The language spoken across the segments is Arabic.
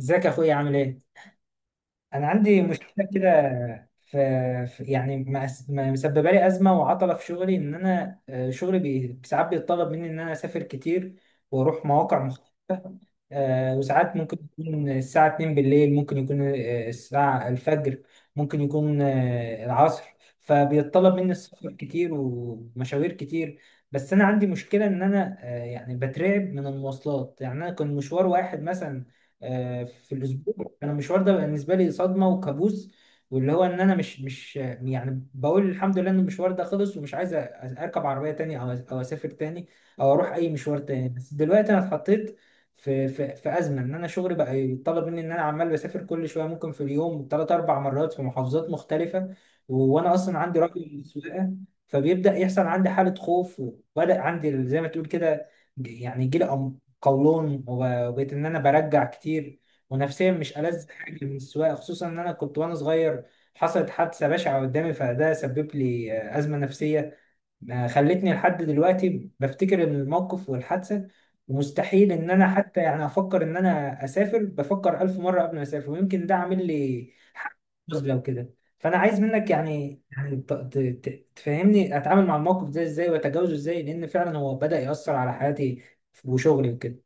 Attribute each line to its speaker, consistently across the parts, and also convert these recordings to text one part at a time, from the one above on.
Speaker 1: ازيك يا اخويا عامل ايه؟ انا عندي مشكله كده. في يعني مسببه لي ازمه وعطله في شغلي، ان انا شغلي ساعات بيتطلب مني ان انا اسافر كتير واروح مواقع. وساعات ممكن يكون الساعة 2 بالليل، ممكن يكون الساعة الفجر، ممكن يكون العصر. فبيتطلب مني السفر كتير ومشاوير كتير. بس أنا عندي مشكلة إن أنا يعني بترعب من المواصلات. يعني أنا كان مشوار واحد مثلا في الأسبوع، أنا المشوار ده بالنسبة لي صدمة وكابوس. واللي هو إن أنا مش يعني بقول الحمد لله إن المشوار ده خلص ومش عايز أركب عربية تاني أو أسافر تاني أو أروح أي مشوار تاني. بس دلوقتي أنا اتحطيت في ازمه، ان انا شغلي بقى يتطلب مني ان انا عمال بسافر كل شويه، ممكن في اليوم ثلاث اربع مرات في محافظات مختلفه. وانا اصلا عندي رقم سواقه. فبيبدا يحصل عندي حاله خوف، وبدا عندي زي ما تقول كده، يعني يجي لي قولون، وبقيت ان انا برجع كتير. ونفسيا مش ألذ حاجه من السواقه، خصوصا ان انا كنت وانا صغير حصلت حادثه بشعه قدامي، فده سبب لي ازمه نفسيه ما خلتني لحد دلوقتي بفتكر الموقف والحادثة. ومستحيل ان انا حتى يعني افكر ان انا اسافر، بفكر الف مرة قبل ما اسافر، ويمكن ده عامل لي نزلة وكده. فانا عايز منك يعني تفهمني اتعامل مع الموقف ده ازاي واتجاوزه ازاي، لان فعلا هو بدأ يأثر على حياتي وشغلي وكده.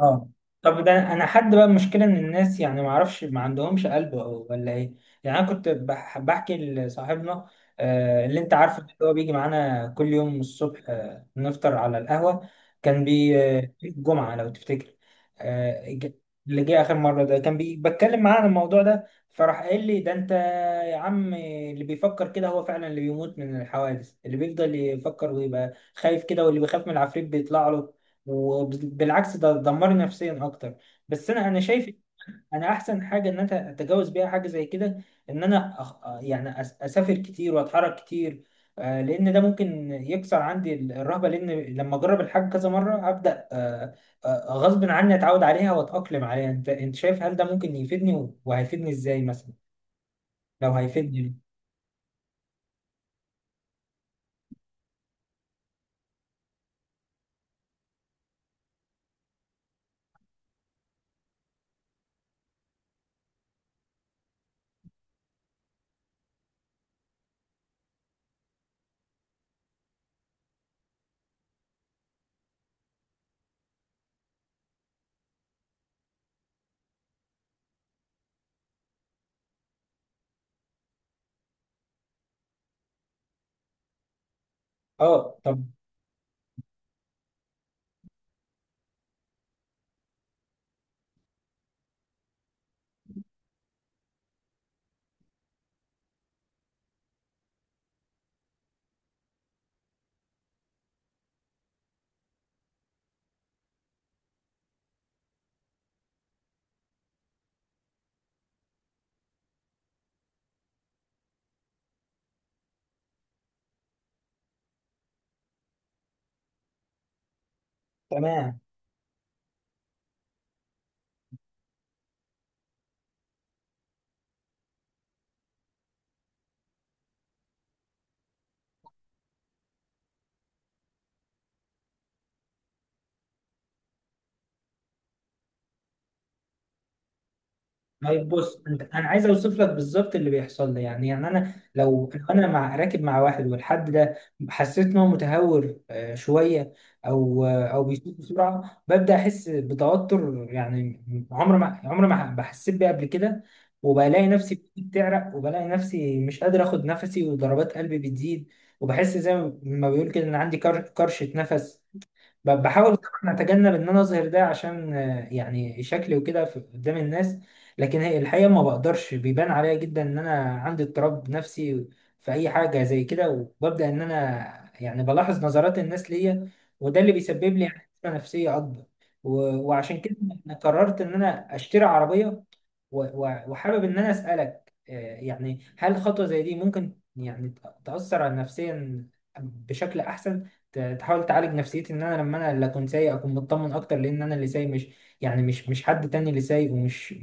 Speaker 1: اه. طب، ده انا حد بقى، المشكله ان الناس يعني ما اعرفش، ما عندهمش قلب أو ولا ايه؟ يعني انا كنت بحكي لصاحبنا، اللي انت عارفه ده، اللي هو بيجي معانا كل يوم الصبح نفطر على القهوه، كان بي الجمعه لو تفتكر، آه، ج- اللي جه اخر مره ده كان بي بتكلم معاه عن الموضوع ده، فراح قال لي ده انت يا عم، اللي بيفكر كده هو فعلا اللي بيموت من الحوادث، اللي بيفضل يفكر ويبقى خايف كده، واللي بيخاف من العفريت بيطلع له. وبالعكس، ده دمرني نفسيا اكتر. بس انا شايف انا احسن حاجه ان انا اتجاوز بيها حاجه زي كده، ان انا يعني اسافر كتير واتحرك كتير، لان ده ممكن يكسر عندي الرهبه، لان لما اجرب الحاجه كذا مره هبدا، غصب عني اتعود عليها واتاقلم عليها. انت شايف هل ده ممكن يفيدني وهيفيدني ازاي مثلا لو هيفيدني؟ اه. طب. تمام. طيب، بص انت، انا عايز اوصف لك بالظبط اللي بيحصل لي. يعني انا لو انا مع راكب، مع واحد والحد ده حسيت ان هو متهور شويه، او بيسوق بسرعه، ببدا احس بتوتر يعني. عمر ما بحسيت بيه قبل كده. وبلاقي نفسي بتعرق، وبلاقي نفسي مش قادر اخد نفسي، وضربات قلبي بتزيد. وبحس زي ما بيقول كده ان عندي كرشه نفس. بحاول طبعا اتجنب ان انا اظهر ده، عشان يعني شكلي وكده قدام الناس. لكن هي الحقيقه ما بقدرش، بيبان عليا جدا ان انا عندي اضطراب نفسي في اي حاجه زي كده، وببدا ان انا يعني بلاحظ نظرات الناس ليا، وده اللي بيسبب لي يعني أزمة نفسيه اكبر. وعشان كده انا قررت ان انا اشتري عربيه، وحابب ان انا اسالك يعني، هل خطوه زي دي ممكن يعني تاثر على نفسيا بشكل احسن، تحاول تعالج نفسيتي، ان انا لما انا اللي اكون سايق اكون مطمن اكتر، لان انا اللي سايق، مش يعني مش حد تاني اللي سايق، ومش،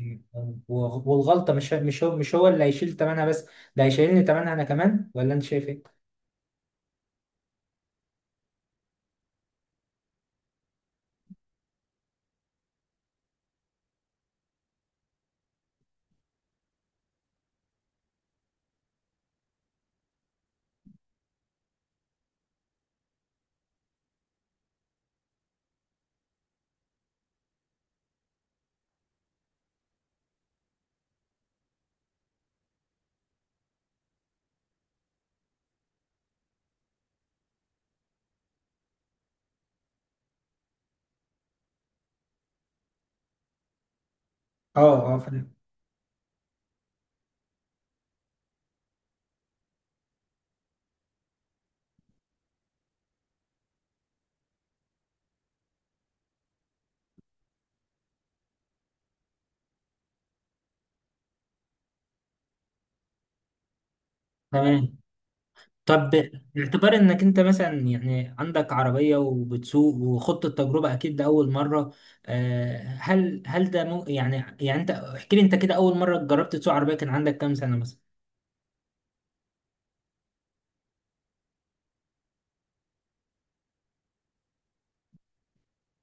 Speaker 1: والغلطه مش هو اللي هيشيل تمنها بس، ده هيشيلني تمنها انا كمان. ولا انت شايف ايه؟ اه. اه، فاهم. تمام. طب، باعتبار انك انت مثلا يعني عندك عربية وبتسوق وخضت التجربة اكيد لأول مرة، هل ده مو، يعني انت احكي لي، انت كده اول مرة جربت تسوق عربية كان عندك كام سنة مثلا؟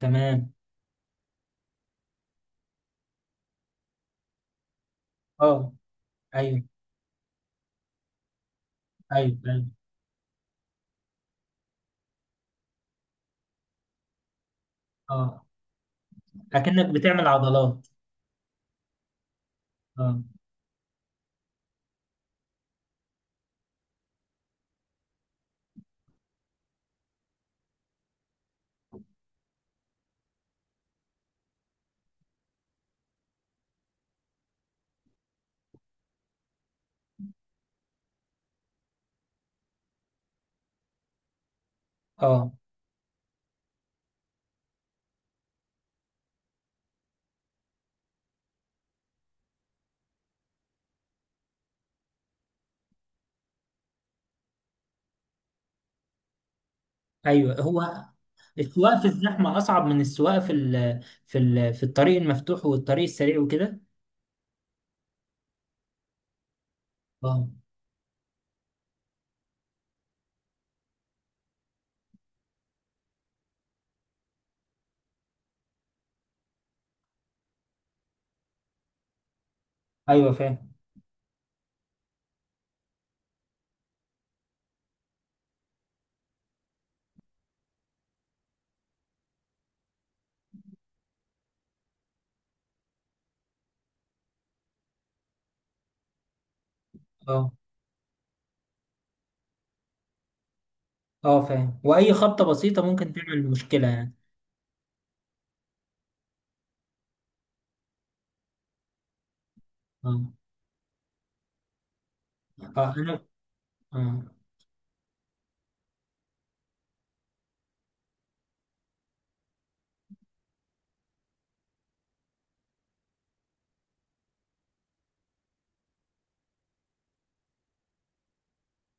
Speaker 1: تمام. اه. ايوه، ايوه، ايوه. اه، اكنك بتعمل عضلات. اه. اه، ايوه. هو السواقه في الزحمه اصعب من السواقه في الطريق المفتوح والطريق السريع وكده. اه، ايوه، فاهم. اه، اه، فاهم. واي خبطه بسيطه ممكن تعمل مشكله يعني. اه، اه، انا. اه،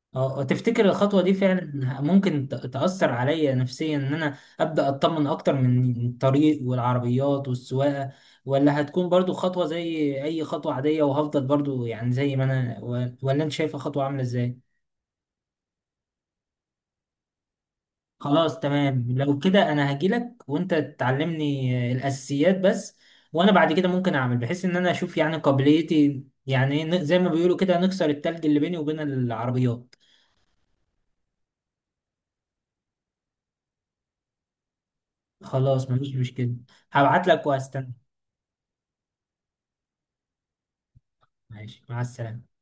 Speaker 1: اه، تفتكر الخطوة دي فعلا ممكن تأثر عليا نفسيا، ان انا ابدأ اطمن اكتر من الطريق والعربيات والسواقة، ولا هتكون برضو خطوة زي اي خطوة عادية وهفضل برضو يعني زي ما انا، ولا انت شايفة خطوة عاملة ازاي؟ خلاص، تمام. لو كده انا هجيلك وانت تعلمني الاساسيات بس، وانا بعد كده ممكن اعمل، بحيث ان انا اشوف يعني قابليتي، يعني زي ما بيقولوا كده نكسر التلج اللي بيني وبين العربيات. خلاص، مفيش مشكلة، هبعت لك وهستنى. ماشي، مع السلامة.